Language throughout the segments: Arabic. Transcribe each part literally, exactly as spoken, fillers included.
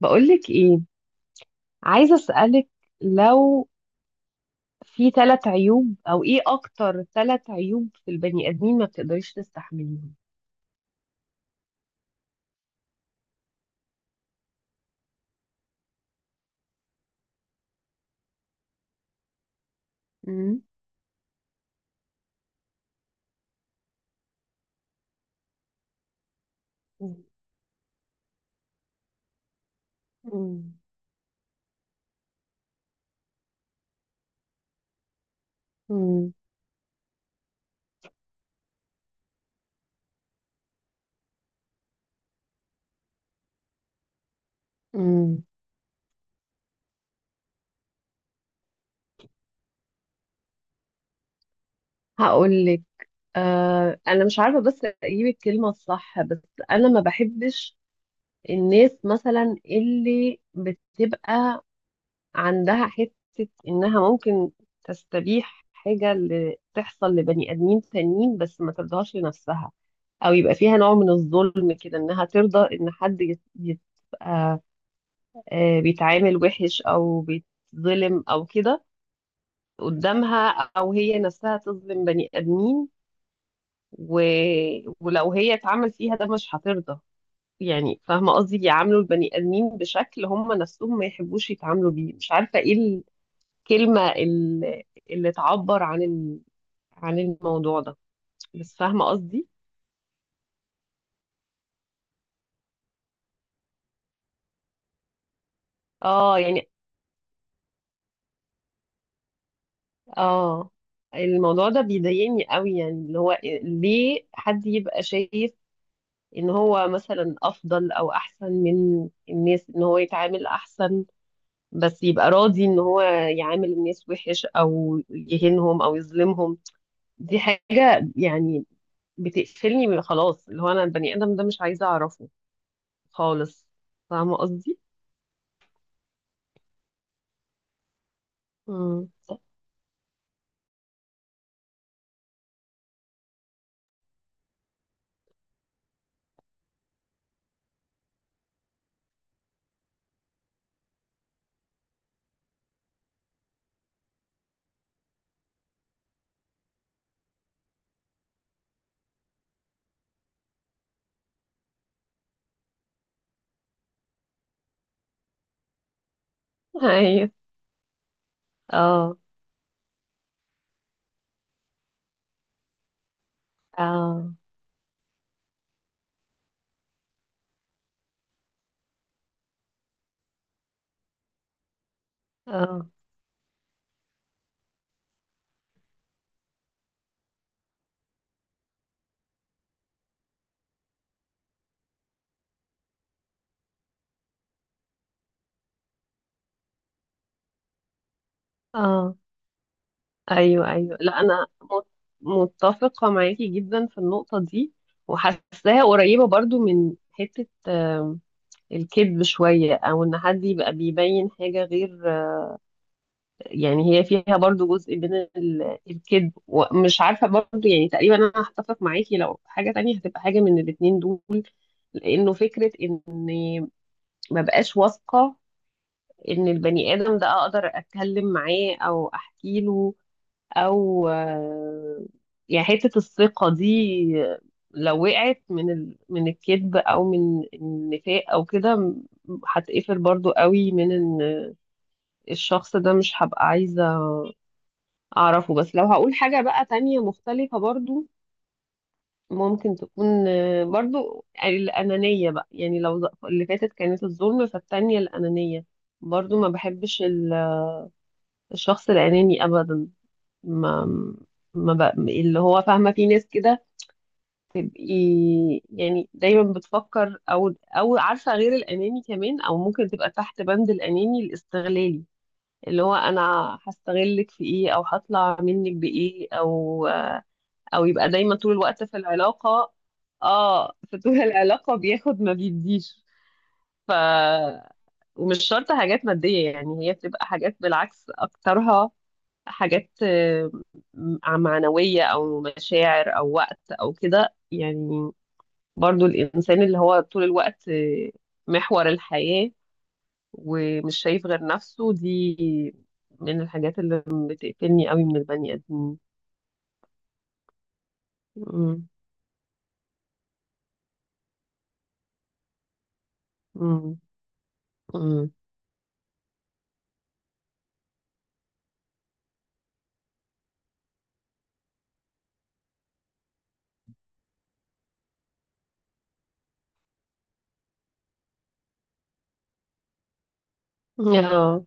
بقولك ايه، عايزة اسألك، لو في ثلاث عيوب او ايه اكتر ثلاث عيوب في البني ادمين ما بتقدريش تستحمليهم. مم. مم. مم. هقول لك. آه انا مش عارفة بس اجيب الكلمة الصح بس انا ما بحبش الناس مثلا اللي بتبقى عندها حتة انها ممكن تستبيح حاجة اللي تحصل لبني ادمين تانيين بس ما ترضاش لنفسها، او يبقى فيها نوع من الظلم كده انها ترضى ان حد يت- يبقى آه، بيتعامل وحش او بيتظلم او كده قدامها، او هي نفسها تظلم بني ادمين. و... ولو هي اتعمل فيها ده مش هترضى. يعني فاهمه قصدي، يعاملوا البني ادمين بشكل هم نفسهم ما يحبوش يتعاملوا بيه. مش عارفه ايه الكلمه اللي, اللي تعبر عن ال... عن الموضوع ده. بس فاهمه قصدي. اه، يعني اه الموضوع ده بيضايقني قوي، يعني اللي هو ليه حد يبقى شايف ان هو مثلا افضل او احسن من الناس، ان هو يتعامل احسن بس يبقى راضي ان هو يعامل الناس وحش او يهينهم او يظلمهم. دي حاجة يعني بتقفلني من، خلاص، اللي هو انا البني ادم ده مش عايزة اعرفه خالص. فاهمة قصدي؟ امم. ايوه. اه. اه. اه. اه. ايوه، ايوه، لا انا مت- متفقه معاكي جدا في النقطه دي، وحاساها قريبه برضو من حته، آم، الكذب شويه، او ان حد يبقى بيبين حاجه غير، آه، يعني هي فيها برضو جزء من ال- الكذب، ومش عارفه برضو، يعني تقريبا انا هتفق معاكي لو حاجه تانية هتبقى حاجه من الاتنين دول. لانه فكره اني ما بقاش واثقه ان البني ادم ده اقدر اتكلم معاه او احكي له، او آه، يعني حتة الثقة دي لو وقعت من ال... من الكذب او من النفاق او كده م- هتقفل برضو قوي من ان الشخص ده مش هبقى عايزة اعرفه. بس لو هقول حاجة بقى تانية مختلفة، برضو ممكن تكون آه، برضو الأنانية بقى، يعني لو ز- اللي فاتت كانت الظلم، فالتانية الأنانية. برضو ما بحبش ال- الشخص الأناني أبدا، ما ما بق... اللي هو فاهمة في ناس كده تبقي، يعني دايما بتفكر او او عارفه غير الاناني، كمان او ممكن تبقى تحت بند الاناني الاستغلالي، اللي هو انا هستغلك في ايه او هطلع منك بايه، او او يبقى دايما طول الوقت في العلاقه. اه، في طول العلاقه بياخد ما بيديش. ف ومش شرط حاجات ماديه، يعني هي بتبقى حاجات، بالعكس اكترها حاجات، آه، م- معنويه، او مشاعر، او وقت او كده يعني. برضو الإنسان اللي هو طول الوقت، آه، محور الحياة ومش شايف غير نفسه، دي من الحاجات اللي بتقفلني قوي من البني آدمين. مم. مم. مم. آه.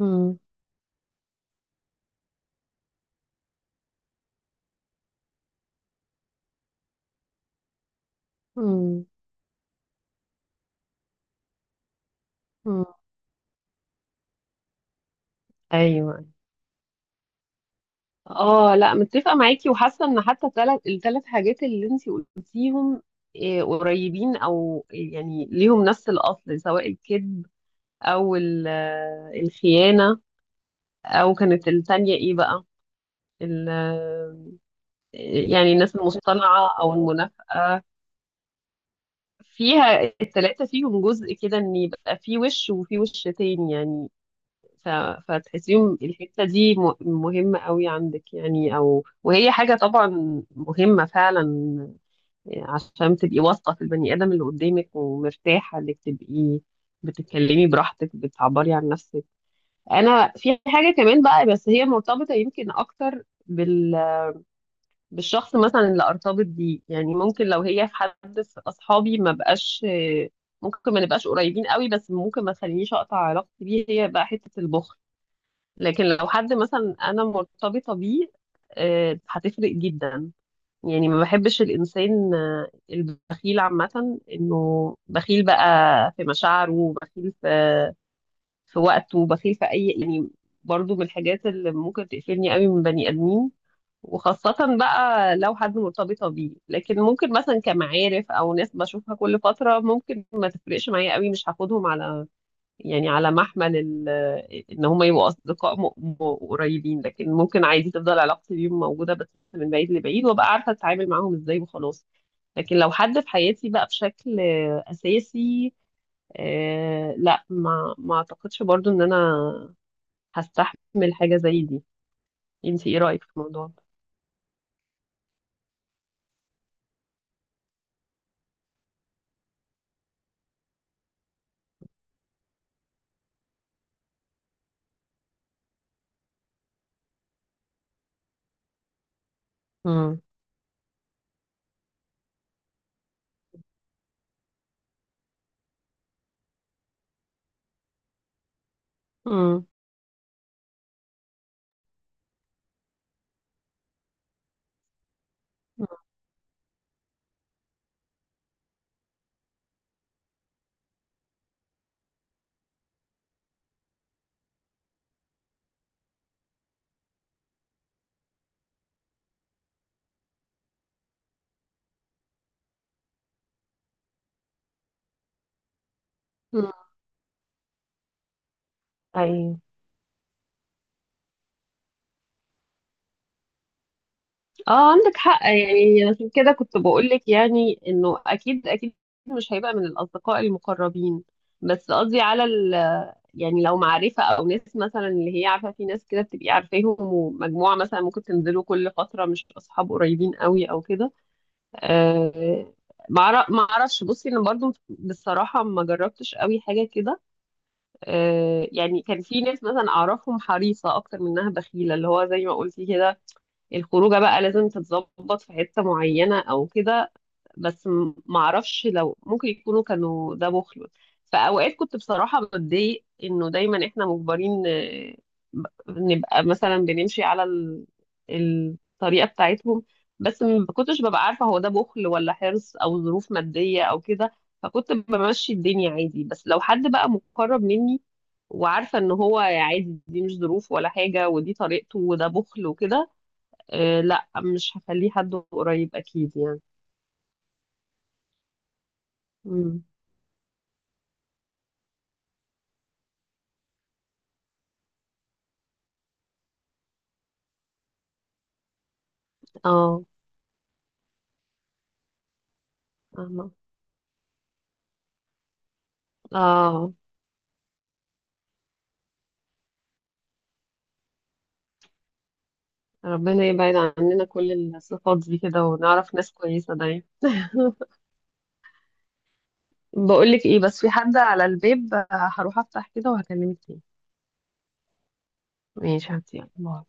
مم. مم. مم. ايوه. اه، لا، متفقه معاكي وحاسه ان حتى الثلاث الثلاث حاجات اللي انتي قلتيهم، إيه، قريبين او يعني ليهم نفس الاصل، سواء الكذب او ال- آه، الخيانه، او كانت الثانيه ايه بقى ال يعني الناس المصطنعة أو المنافقة، فيها التلاتة، فيهم جزء كده إن يبقى في وش وفي وش تاني، يعني. ف... فتحسيهم الحتة دي م... مهمة قوي عندك، يعني، أو وهي حاجة طبعا مهمة فعلا. عشان تبقي واثقة في البني آدم اللي قدامك ومرتاحة إنك تبقي بتتكلمي براحتك، بتعبري عن نفسك. أنا في حاجة كمان بقى، بس هي مرتبطة يمكن أكتر بال بالشخص مثلا اللي ارتبط بيه، يعني ممكن لو هي في حد في اصحابي ما بقاش، ممكن ما نبقاش قريبين قوي بس ممكن ما تخلينيش اقطع علاقتي بيه، هي بقى حتة البخل. لكن لو حد مثلا انا مرتبطة بيه، آه، هتفرق جدا. يعني ما بحبش الانسان، آه، البخيل عامة، انه بخيل بقى، في مشاعره، بخيل في في وقته، بخيل في اي، يعني. برضو من الحاجات اللي ممكن تقفلني قوي من بني ادمين، وخاصة بقى لو حد مرتبطة بيه. لكن ممكن مثلا كمعارف أو ناس بشوفها كل فترة، ممكن ما تفرقش معايا قوي، مش هاخدهم على، يعني، على محمل ال- إن هما يبقوا أصدقاء م- م- قريبين، لكن ممكن عادي تفضل علاقتي بيهم موجودة، بس من بعيد لبعيد، وأبقى عارفة أتعامل معاهم إزاي وخلاص. لكن لو حد في حياتي بقى بشكل أساسي، آه لا، ما ما أعتقدش برضو إن أنا هستحمل حاجة زي دي. أنت إيه رأيك في الموضوع ده؟ مم. مم. مم. ايوه. اه، عندك حق، يعني عشان كده كنت بقولك، يعني انه اكيد اكيد مش هيبقى من الاصدقاء المقربين. بس قصدي على ال يعني لو معرفة او ناس مثلا اللي هي عارفة، في ناس كده بتبقي عارفاهم ومجموعة مثلا ممكن تنزلوا كل فترة، مش اصحاب قريبين قوي او كده. آه معر- ما اعرفش، بصي انا برضو بصراحة ما جربتش قوي حاجة كده. آه يعني كان في ناس مثلا اعرفهم حريصة اكتر منها بخيلة، اللي هو زي ما قلتي كده، الخروجه بقى لازم تتظبط في حته معينه او كده. بس م- معرفش لو ممكن يكونوا كانوا ده بخل. في اوقات كنت بصراحه بتضايق انه دايما احنا مجبرين، آه، ب- نبقى مثلا بنمشي على ال- الطريقه بتاعتهم. بس ما كنتش ببقى عارفه هو ده بخل ولا حرص او ظروف ماديه او كده. فكنت بمشي الدنيا عادي. بس لو حد بقى مقرب مني وعارفه ان هو عادي، دي مش ظروف ولا حاجه ودي طريقته وده بخل وكده، آه لا، مش هخليه حد قريب اكيد يعني. امم. اه. فاهمة. اه. ربنا يبعد عننا كل الصفات دي كده ونعرف ناس كويسة دايما. بقولك ايه، بس في حد على الباب، آه، هروح افتح كده وهكلمك تاني. ماشي، هاتي، يلا، باي.